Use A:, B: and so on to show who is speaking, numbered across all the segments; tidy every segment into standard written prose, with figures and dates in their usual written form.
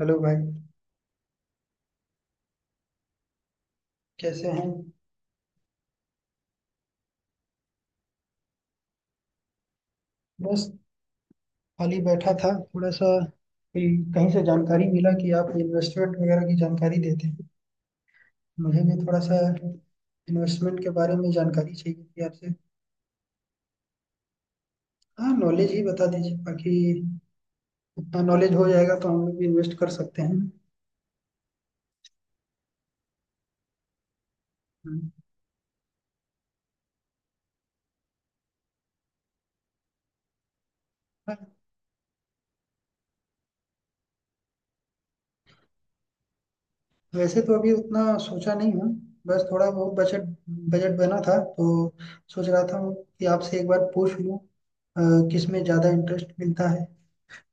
A: Hello भाई। कैसे हैं। बस खाली बैठा था। थोड़ा सा कोई कहीं से जानकारी मिला कि आप इन्वेस्टमेंट वगैरह की जानकारी देते हैं। मुझे भी थोड़ा सा इन्वेस्टमेंट के बारे में जानकारी चाहिए थी आपसे। हाँ, नॉलेज ही बता दीजिए बाकी। उतना नॉलेज हो जाएगा तो हम लोग भी इन्वेस्ट कर सकते हैं। हम्म। हाँ। वैसे तो अभी उतना सोचा नहीं हूँ। बस थोड़ा बहुत बजट बजट बना था तो सोच रहा था कि आपसे एक बार पूछ लूँ, किस में ज़्यादा इंटरेस्ट मिलता है।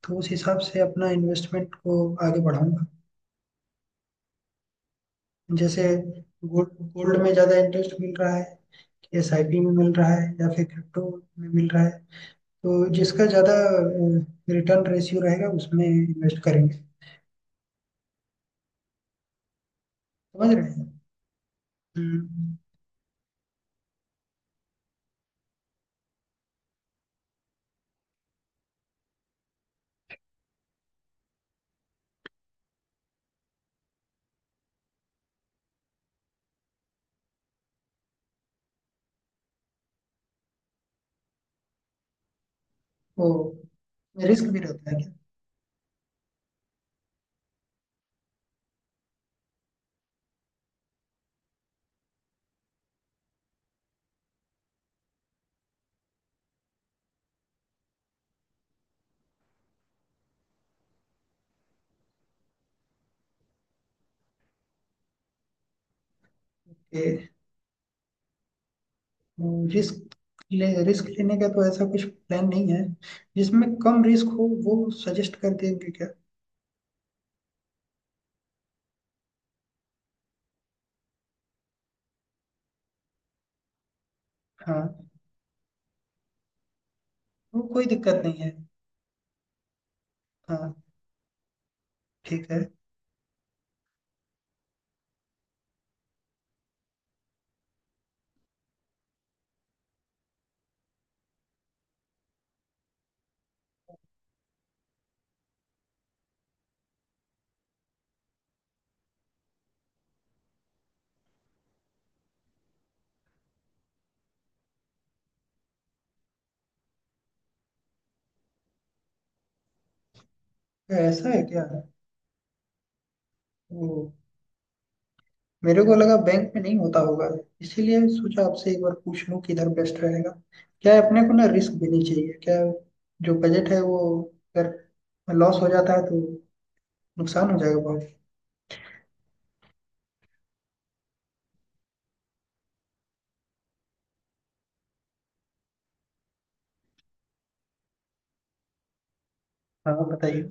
A: तो उस हिसाब से अपना इन्वेस्टमेंट को आगे बढ़ाऊंगा। जैसे गोल्ड गोल्ड में ज़्यादा इंटरेस्ट मिल रहा है, एसआईपी में मिल रहा है, या फिर क्रिप्टो में मिल रहा है। तो जिसका ज़्यादा रिटर्न रेशियो रहेगा उसमें इन्वेस्ट करेंगे। समझ रहे हैं। हम्म। वो रिस्क भी रहता है। क्या रिस्क ले रिस्क लेने का तो ऐसा कुछ प्लान नहीं है। जिसमें कम रिस्क हो वो सजेस्ट कर देंगे क्या। हाँ, वो कोई दिक्कत नहीं है। हाँ। ठीक है। क्या ऐसा है क्या। वो मेरे को लगा बैंक में नहीं होता होगा। इसीलिए सोचा आपसे एक बार पूछ लूं किधर बेस्ट रहेगा। क्या है अपने को ना रिस्क भी नहीं चाहिए, क्या है, जो बजट है वो अगर लॉस हो जाता है तो नुकसान हो जाएगा बहुत। हाँ, बताइए।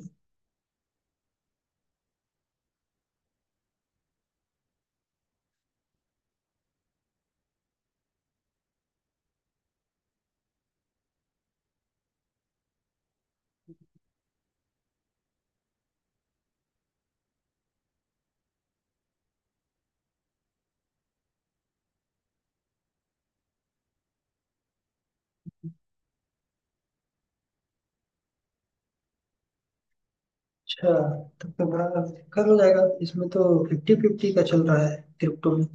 A: अच्छा, तब तो बड़ा दिक्कत हो जाएगा इसमें तो। फिफ्टी फिफ्टी का चल रहा है क्रिप्टो में।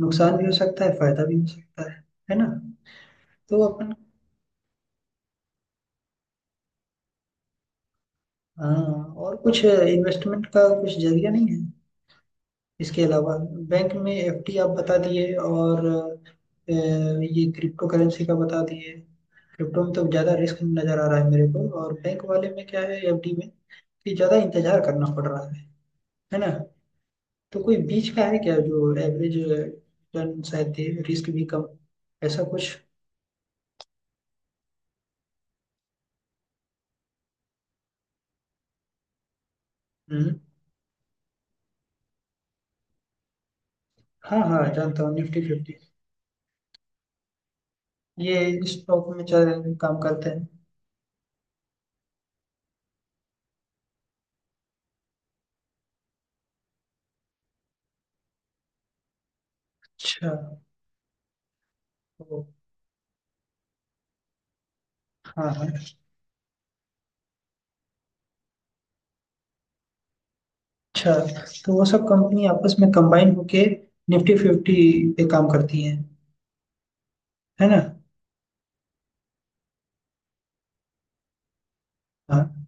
A: नुकसान भी हो सकता है, फायदा भी हो सकता है। है ना। तो अपन। हाँ, और कुछ इन्वेस्टमेंट का कुछ जरिया नहीं है इसके अलावा। बैंक में एफडी आप बता दिए, और ये क्रिप्टो करेंसी का बता दिए। क्रिप्टो में तो ज़्यादा रिस्क नज़र आ रहा है मेरे को, और बैंक वाले में क्या है एफडी में, कि ज़्यादा इंतज़ार करना पड़ रहा है। है ना। तो कोई बीच का है क्या जो एवरेज रिटर्न शायद दे, रिस्क भी कम, ऐसा कुछ। हम्म। हाँ हाँ, जानता हूँ निफ्टी फिफ्टी। ये स्टॉक में काम करते हैं। अच्छा। ओ, हाँ हाँ। अच्छा, तो वो सब कंपनी आपस में कंबाइन होके निफ्टी फिफ्टी पे काम करती है। है ना। हाँ।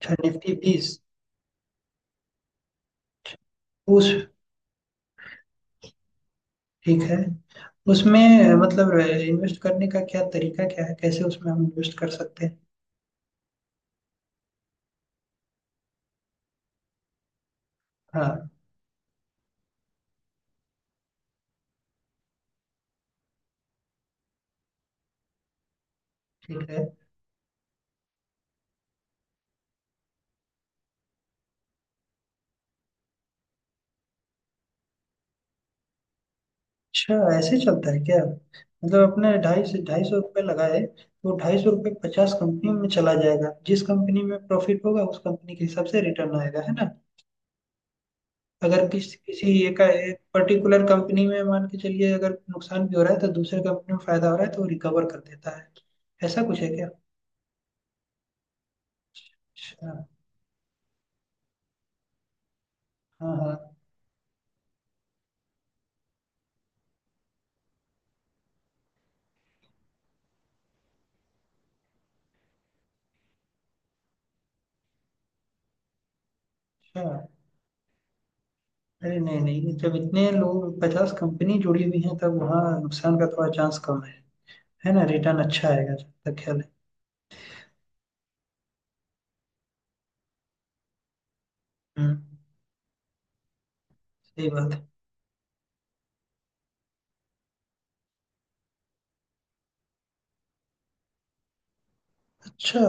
A: अच्छा, निफ्टी बीस। उस ठीक है। उसमें, मतलब इन्वेस्ट करने का क्या तरीका क्या है, कैसे उसमें हम इन्वेस्ट कर सकते हैं। हाँ। ठीक है। अच्छा, ऐसे चलता है क्या। मतलब अपने 250 रुपये लगाए, तो 250 रुपये 50 कंपनी में चला जाएगा, जिस कंपनी में प्रॉफिट होगा उस कंपनी के हिसाब से रिटर्न आएगा। है ना। अगर किसी एक पर्टिकुलर कंपनी में मान के चलिए, अगर नुकसान भी हो रहा है तो दूसरे कंपनी में फायदा हो रहा है तो वो रिकवर कर देता है। ऐसा कुछ है क्या। अच्छा। हाँ हाँ। अच्छा। अरे नहीं नहीं, जब इतने लोग 50 कंपनी जुड़ी हुई हैं तब वहाँ नुकसान का थोड़ा चांस कम है। है ना, रिटर्न अच्छा आएगा जब तक ख्याल है। हम्म। सही बात है। अच्छा,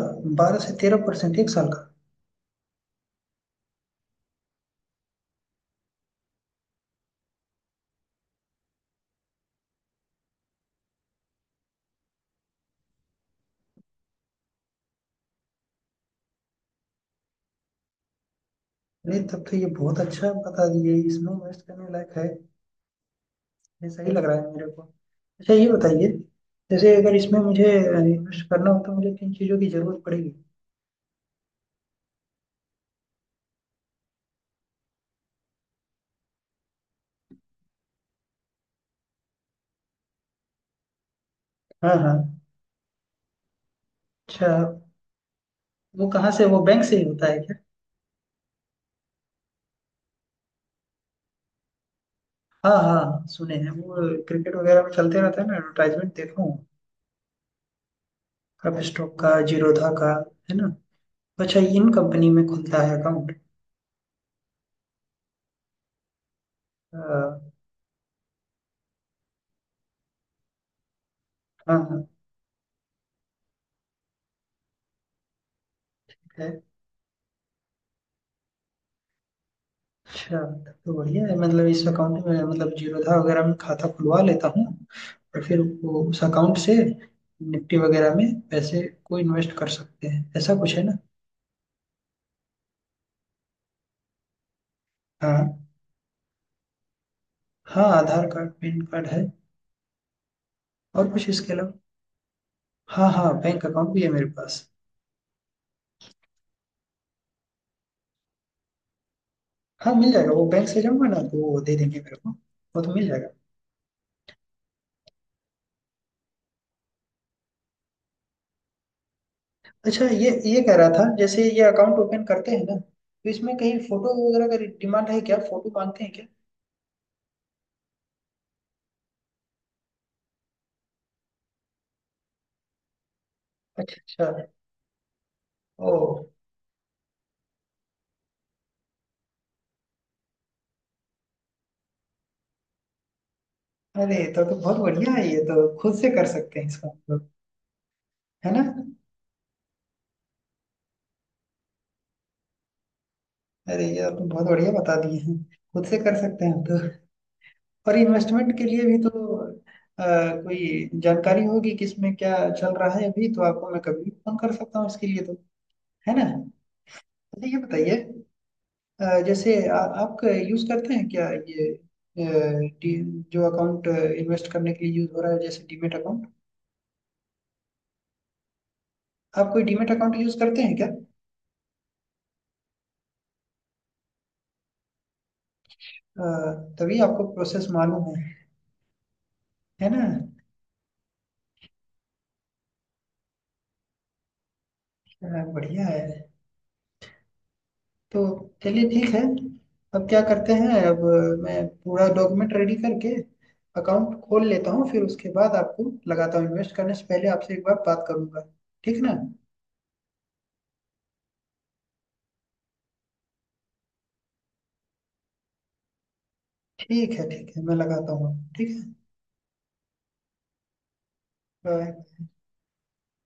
A: 12 से 13% एक साल का। अरे, तब तो ये बहुत अच्छा बता दिए, इसमें इन्वेस्ट करने लायक है। ये सही लग रहा है मेरे को। अच्छा, ये बताइए जैसे अगर इसमें मुझे इन्वेस्ट करना हो तो मुझे किन चीज़ों की जरूरत पड़ेगी। हाँ हाँ। अच्छा, वो कहाँ से, वो बैंक से ही होता है क्या। हाँ हाँ, सुने हैं वो, क्रिकेट वगैरह में चलते रहता है ना, एडवर्टाइजमेंट देखा हूँ। कप स्टॉक का, जीरोधा का। है ना। अच्छा, इन कंपनी में खुलता है अकाउंट। हाँ हाँ। है। अच्छा, तब तो बढ़िया है, मतलब इस अकाउंट में, मतलब जीरोधा वगैरह में खाता खुलवा लेता हूँ, और फिर वो उस अकाउंट से निफ्टी वगैरह में पैसे को इन्वेस्ट कर सकते हैं, ऐसा कुछ है ना। हाँ हाँ, आधार कार्ड पैन कार्ड है, और कुछ इसके अलावा। हाँ हाँ, बैंक अकाउंट भी है मेरे पास। हाँ, मिल जाएगा वो, बैंक से जाऊंगा ना तो वो दे देंगे मेरे को। वो तो मिल जाएगा। अच्छा ये कह रहा था, जैसे ये अकाउंट ओपन करते हैं ना तो इसमें कहीं फोटो वगैरह का डिमांड है क्या, फोटो मांगते हैं क्या। अच्छा अच्छा, ओ। अरे तो बहुत बढ़िया है, ये तो खुद से कर सकते हैं इसका मतलब। है ना। अरे, ये तो बहुत बढ़िया बता दिए हैं, खुद से कर सकते हैं हम तो। और इन्वेस्टमेंट के लिए भी तो अ, कोई जानकारी होगी कि इसमें क्या चल रहा है अभी, तो आपको मैं कभी भी फोन कर सकता हूँ इसके लिए तो। है ना। अच्छा, ये बताइए, जैसे आप यूज करते हैं क्या ये, जो अकाउंट इन्वेस्ट करने के लिए यूज हो रहा है, जैसे डीमेट अकाउंट। आप कोई डीमेट अकाउंट यूज करते हैं क्या। अ, तभी आपको प्रोसेस मालूम है। है ना। बढ़िया है। तो चलिए ठीक है, अब क्या करते हैं अब। मैं पूरा डॉक्यूमेंट रेडी करके अकाउंट खोल लेता हूँ, फिर उसके बाद आपको लगाता हूँ, इन्वेस्ट करने से पहले आपसे एक बार बात करूंगा, ठीक ना। ठीक है ठीक है, मैं लगाता हूँ ठीक है। बाय।